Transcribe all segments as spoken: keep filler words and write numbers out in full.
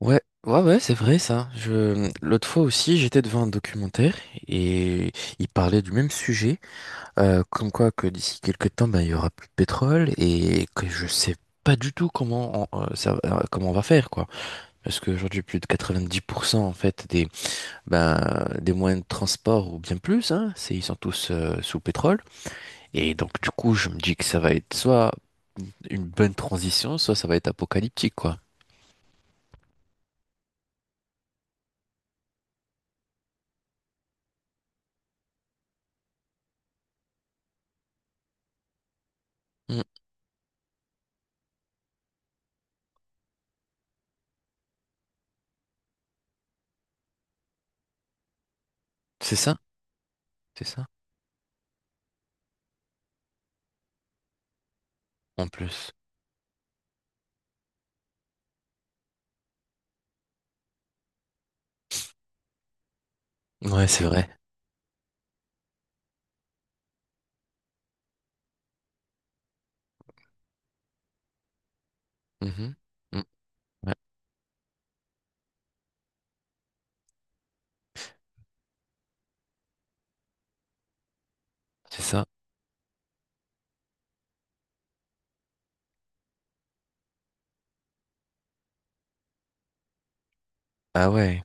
Ouais, ouais, ouais, c'est vrai ça. Je... L'autre fois aussi, j'étais devant un documentaire et il parlait du même sujet, euh, comme quoi que d'ici quelques temps, ben, il y aura plus de pétrole et que je sais pas du tout comment on, euh, ça, euh, comment on va faire quoi. Parce qu'aujourd'hui, plus de quatre-vingt-dix pour cent en fait des ben, des moyens de transport ou bien plus, hein, c'est ils sont tous euh, sous pétrole et donc du coup, je me dis que ça va être soit une bonne transition, soit ça va être apocalyptique quoi. Mm. C'est ça, c'est ça. En plus. Ouais, c'est vrai. Mhm. Mm, ouais, c'est ça. Ah ouais,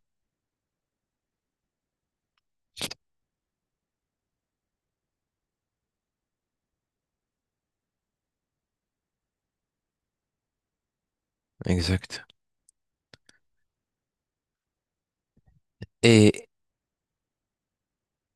exact. Et,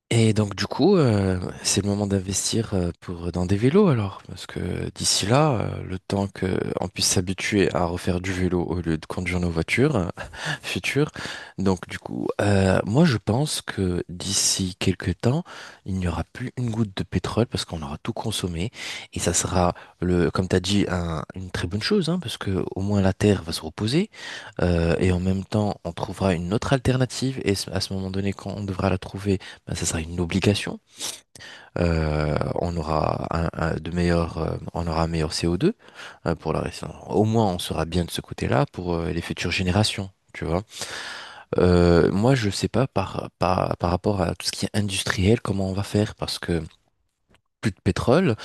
Et donc du coup, euh, c'est le moment d'investir euh, pour dans des vélos alors, parce que d'ici là, euh, le temps que on puisse s'habituer à refaire du vélo au lieu de conduire nos voitures euh, futures. Donc du coup, euh, moi je pense que d'ici quelques temps, il n'y aura plus une goutte de pétrole parce qu'on aura tout consommé et ça sera le, comme t'as dit, un- une très bonne chose, hein, parce que au moins la Terre va se reposer euh, et en même temps, on trouvera une autre alternative et à ce moment donné, quand on devra la trouver ben, ça sera une obligation. Euh, on aura un, un- de meilleurs, euh, on aura un meilleur C O deux euh, pour la raison. Au moins, on sera bien de ce côté-là pour euh, les futures générations. Tu vois. Euh, moi, je sais pas par, par, par rapport à tout ce qui est industriel, comment on va faire, parce que plus de pétrole,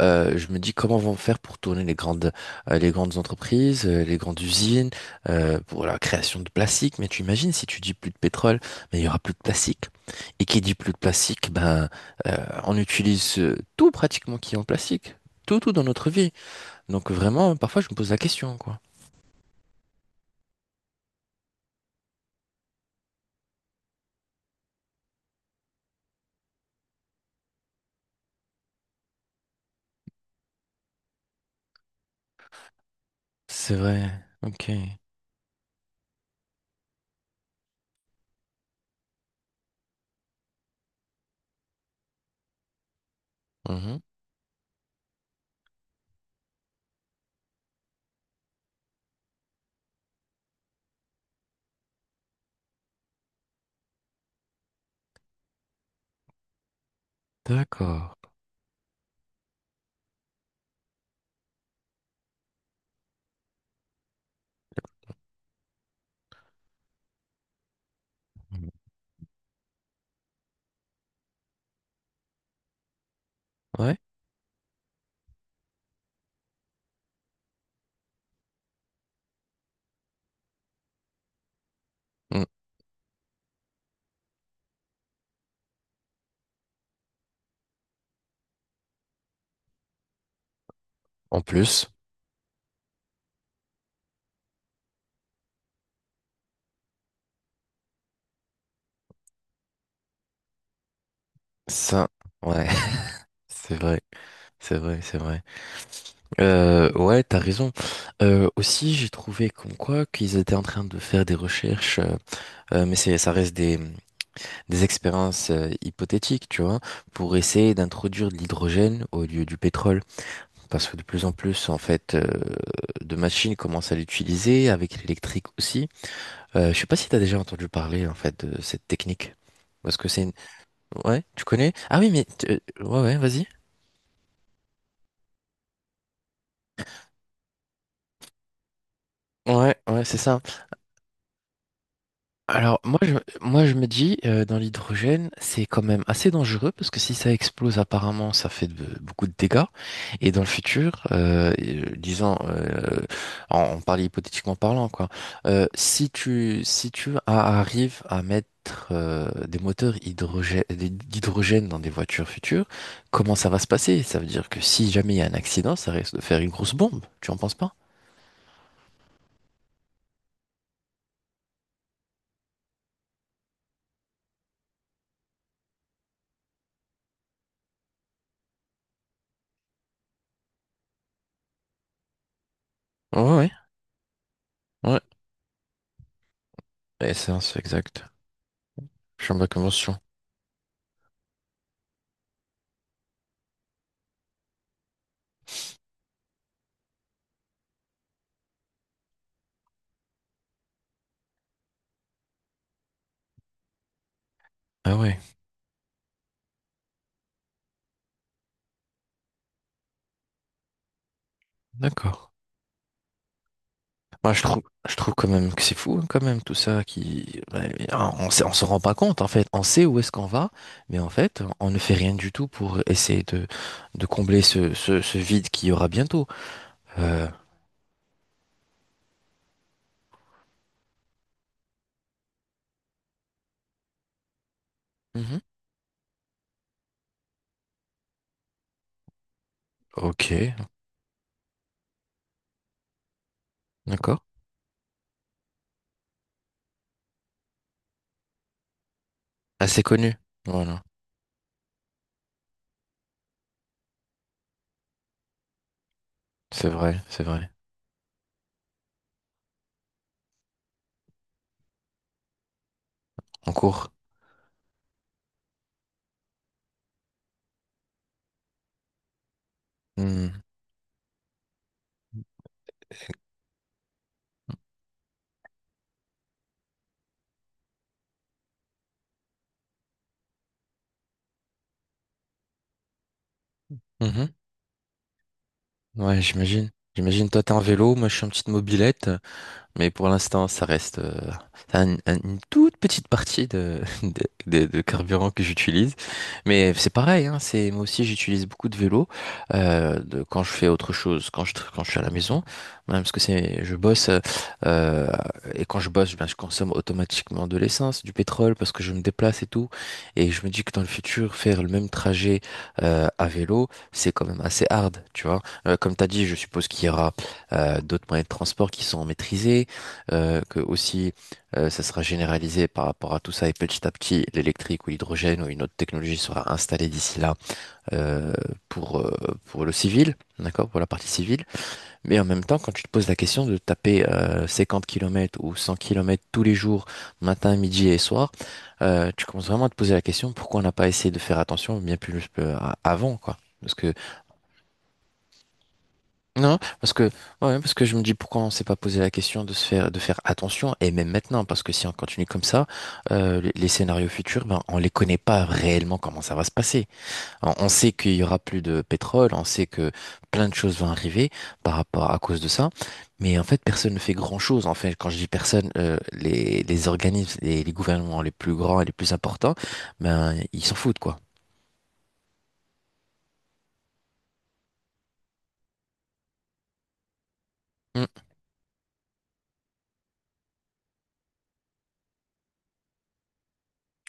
euh, je me dis comment vont faire pour tourner les grandes, euh, les grandes entreprises, euh, les grandes usines, euh, pour la création de plastique. Mais tu imagines si tu dis plus de pétrole, mais il y aura plus de plastique. Et qui dit plus de plastique, ben, euh, on utilise euh, tout pratiquement qui est en plastique, tout, tout dans notre vie. Donc vraiment, parfois je me pose la question, quoi. C'est vrai. Ok. Mhm. D'accord. Mhm. Ouais. Mm. En plus, ça, ouais, c'est vrai, c'est vrai, c'est vrai. Euh, ouais, t'as raison. Euh, aussi, j'ai trouvé comme quoi qu'ils étaient en train de faire des recherches, euh, euh, mais c'est, ça reste des, des expériences euh, hypothétiques, tu vois, pour essayer d'introduire de l'hydrogène au lieu du pétrole, parce que de plus en plus, en fait, euh, de machines commencent à l'utiliser avec l'électrique aussi. Euh, je sais pas si t'as déjà entendu parler en fait de cette technique, parce que c'est une... Ouais, tu connais? Ah oui, mais t- euh, ouais, ouais, vas-y. Ouais, ouais, c'est ça. Alors moi je, moi je me dis euh, dans l'hydrogène c'est quand même assez dangereux parce que si ça explose apparemment ça fait de- beaucoup de dégâts et dans le futur euh, euh, disons euh, on, on parle hypothétiquement parlant quoi euh, si tu si tu a- arrives à mettre euh, des moteurs hydrogè- d'hydrogène dans des voitures futures comment ça va se passer? Ça veut dire que si jamais il y a un accident ça risque de faire une grosse bombe tu en penses pas? Ouais ouais ouais et ça c'est exact je suis en ma convention ah ouais. D'accord. Moi, je trouve, je trouve quand même que c'est fou, hein, quand même, tout ça qui, ouais, on ne on s'en rend pas compte, en fait. On sait où est-ce qu'on va, mais en fait, on ne fait rien du tout pour essayer de, de combler ce, ce, ce vide qu'il y aura bientôt. Euh, mhm. Ok, d'accord. Assez connu. Voilà. C'est vrai, c'est vrai. En cours. Hmm. Mhm. Ouais, j'imagine. J'imagine, toi, t'es en vélo, moi, je suis en petite mobilette. Mais pour l'instant, ça reste euh, un- un- une toute petite partie de, de, de- de carburant que j'utilise. Mais c'est pareil, hein, c'est, moi aussi j'utilise beaucoup de vélo euh, de, quand je fais autre chose, quand je, tra- quand je suis à la maison, même parce que c'est, je bosse euh, euh, et quand je bosse, ben, je consomme automatiquement de l'essence, du pétrole parce que je me déplace et tout. Et je me dis que dans le futur, faire le même trajet euh, à vélo, c'est quand même assez hard, tu vois. Euh, comme tu as dit, je suppose qu'il y aura euh, d'autres moyens de transport qui sont maîtrisés euh, que aussi euh, ça sera généralisé par rapport à tout ça et petit à petit l'électrique ou l'hydrogène ou une autre technologie sera installée d'ici là euh, pour, euh, pour le civil, d'accord, pour la partie civile. Mais en même temps, quand tu te poses la question de taper euh, cinquante kilomètres ou cent kilomètres tous les jours, matin, midi et soir, euh, tu commences vraiment à te poser la question pourquoi on n'a pas essayé de faire attention bien plus euh, à- avant, quoi. Parce que non, parce que, ouais, parce que je me dis pourquoi on s'est pas posé la question de se faire, de faire attention, et même maintenant, parce que si on continue comme ça, euh, les, les scénarios futurs, ben, on les connaît pas réellement comment ça va se passer. On, on sait qu'il y aura plus de pétrole, on sait que plein de choses vont arriver par rapport à cause de ça, mais en fait, personne ne fait grand-chose. En fait, quand je dis personne, euh, les, les organismes, les, les gouvernements les plus grands et les plus importants, ben, ils s'en foutent, quoi. Mm.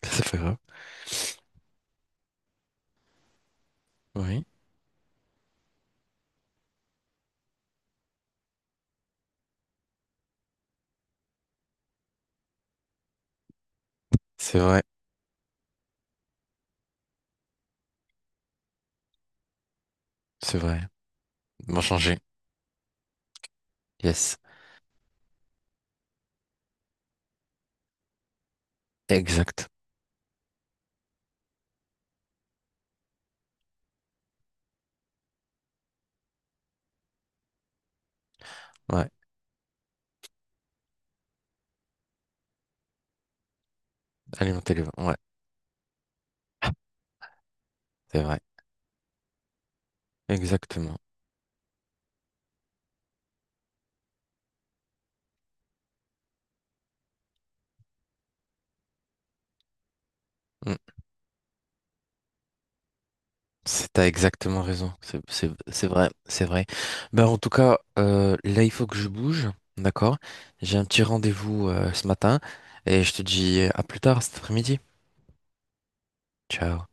Ça, c'est pas grave. Oui, C'est vrai, c'est vrai. Bon changer. Yes. Exact. Ouais. Alimenter les vents. Ouais. C'est vrai. Exactement. Mm. C'est, t'as exactement raison. C'est, c'est, c'est vrai. C'est vrai. Ben, en tout cas, euh, là, il faut que je bouge. D'accord? J'ai un petit rendez-vous, euh, ce matin. Et je te dis à plus tard cet après-midi. Ciao.